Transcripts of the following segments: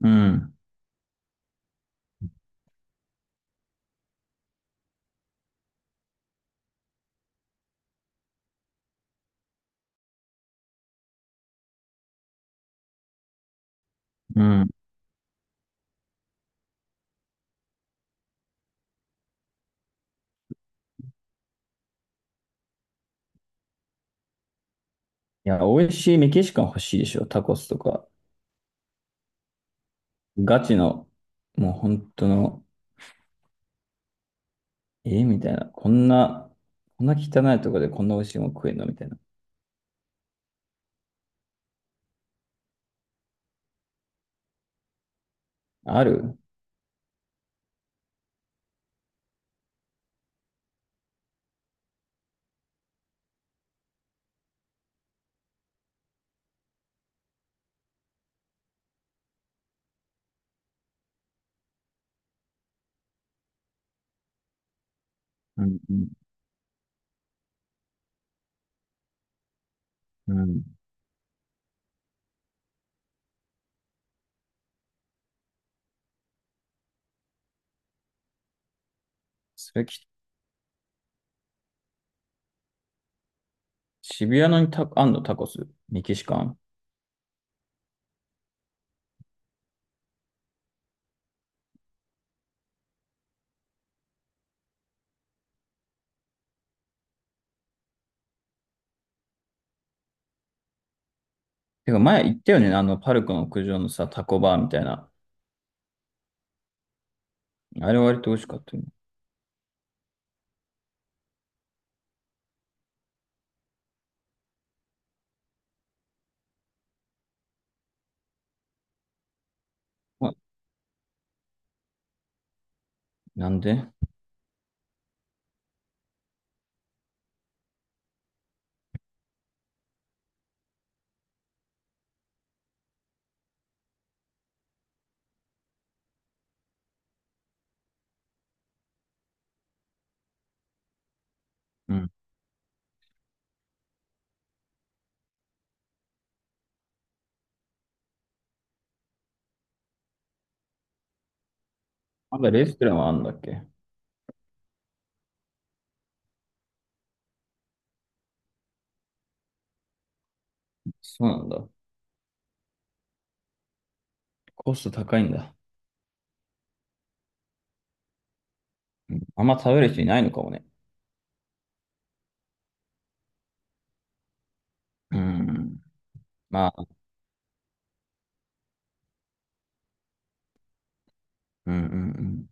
うん。うん。いや、美味しいメキシカン欲しいでしょ。タコスとか。ガチの、もう本当の、えみたいな。こんな、こんな汚いとこでこんな美味しいもん食えんのみたいな。ある。うんうん。うん。それき、渋谷のにあんのタコス。メキシカン。てか前言ったよね。あの、パルコの屋上のさ、タコバーみたいな。あれ割と美味しかったよね。あ、なんで？うん。まだレストランはあんだっけ？そうなんだ。コスト高いんだ。うん。あんま食べる人いないのかもね。うん。まあ、うんうんうん。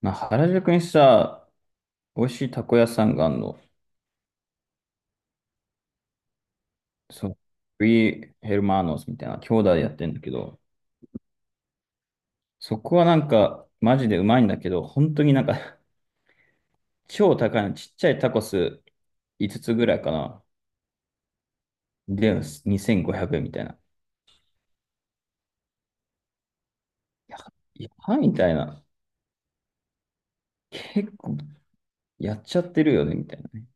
まあ、原宿にさ、美味しいたこ屋さんがあるの。そう、フリーヘルマーノスみたいな、兄弟でやってんだけど、そこはなんか、マジでうまいんだけど、本当になんか 超高いの、ちっちゃいタコス5つぐらいかな。で、2500円みたいな。や、いやばいみたいな。結構、やっちゃってるよね、みたいなね。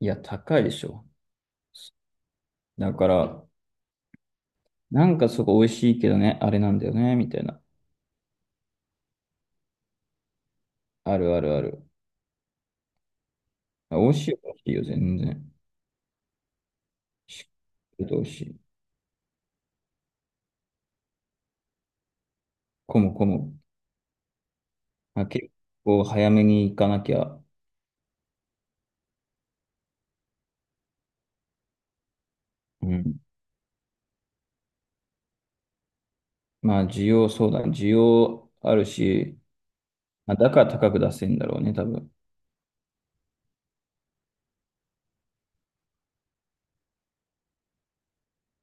いや、高いでしょ。だから、なんかそこ美味しいけどね、あれなんだよね、みたいな。あるあるある。美味しいよ、美味しいよ、全然。しどうし、混む混む。あ、結構早めに行かなきゃ。うん。まあ、需要、そうだ、需要あるし、まあ、だから高く出せんだろうね、多分。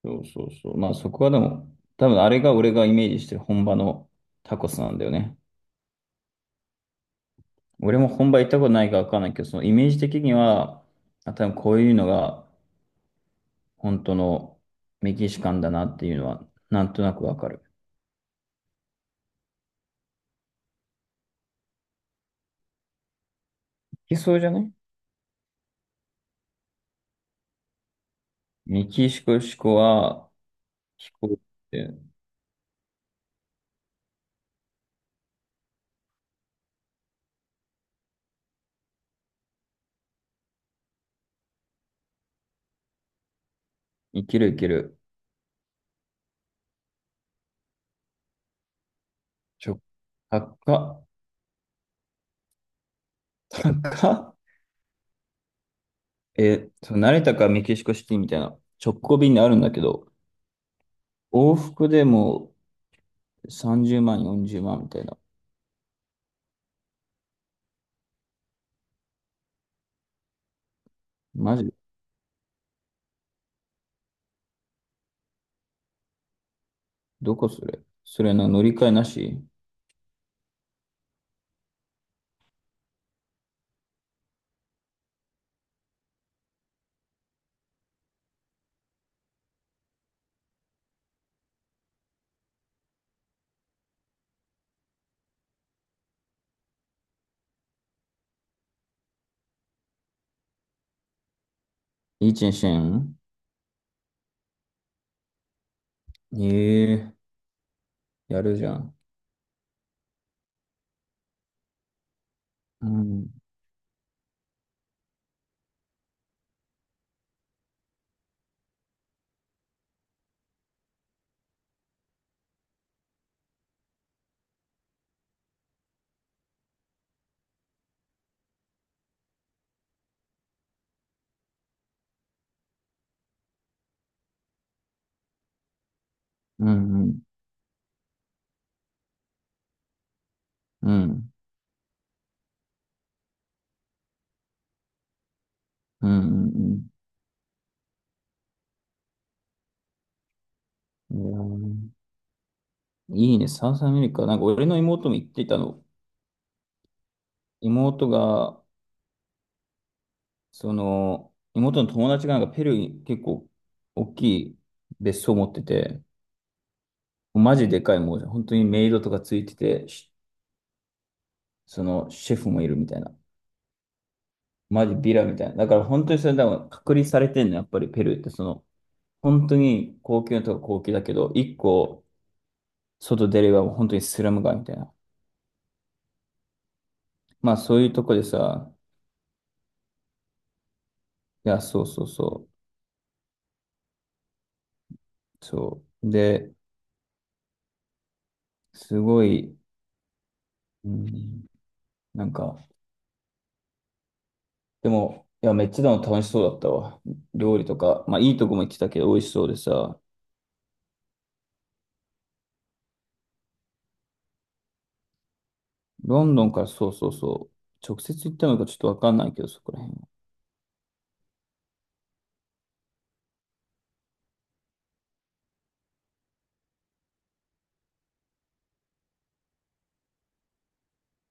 そうそうそう。まあ、そこはでも、多分あれが俺がイメージしてる本場のタコスなんだよね。俺も本場行ったことないからわかんないけど、そのイメージ的には、あ、多分こういうのが本当のメキシカンだなっていうのは、なんとなくわかる。いけそうじゃない？メキシコは、飛行機いけるいける。ちょ、高っ、高っ。え、そう、成田かメキシコシティみたいな直行便であるんだけど、往復でも30万、40万みたいな。マジ？どこそれ？それの乗り換えなし？いいチェンシェン？ええ、やるじゃん。うん、うん、うん、うん、うん、うん。うん。いやーいいね、サウスアメリカ。なんか俺の妹も言ってたの。妹が、その、妹の友達がなんかペルーに結構大きい別荘を持ってて、マジでかい、もう本当にメイドとかついてて、そのシェフもいるみたいな。マジビラみたいな。だから本当にそれ、だから隔離されてんの、やっぱりペルーってその、本当に高級なとこ高級だけど、一個外出ればもう本当にスラム街みたいな。まあそういうとこでさ、いや、そうそうそう、そう。で、すごい、うん、なんか、でも、いや、めっちゃでも楽しそうだったわ。料理とか、まあいいとこも行ってたけど美味しそうでさ、ロンドンから、そうそうそう、直接行ったのかちょっとわかんないけど、そこら辺は。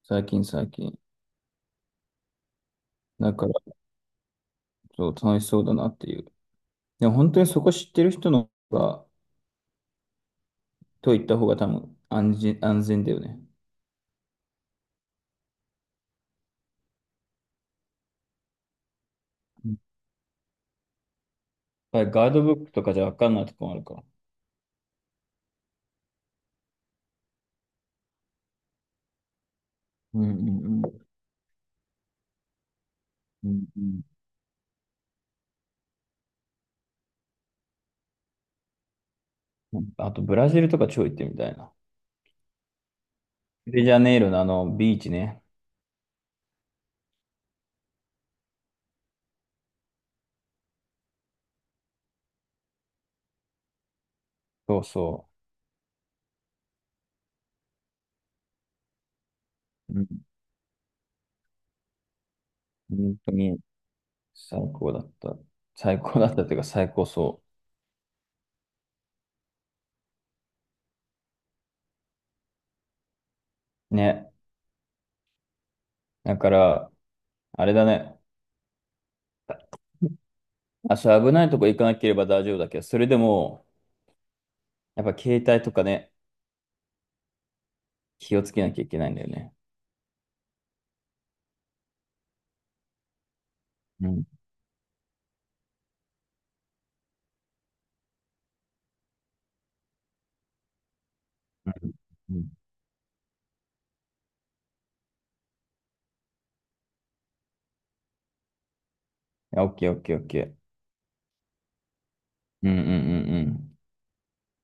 最近最近。だから、そう、楽しそうだなっていう。でも本当にそこ知ってる人の方が、と行った方が多分安全、安全だよね。うん。やっぱりガイドブックとかじゃわかんないとこもあるから。うんうんうん。うんうん。あと、ブラジルとか超行ってみたいな。リオデジャネイロのあのビーチね。そうそう。うん、本当に最高だった。最高だったっていうか最高そう。ね。だから、あれだね。あ、危ないとこ行かなければ大丈夫だけど、それでも、やっぱ携帯とかね、気をつけなきゃいけないんだよね。うん。うん。うん、やオッケーオッケーオッケー。うんうんうんうん。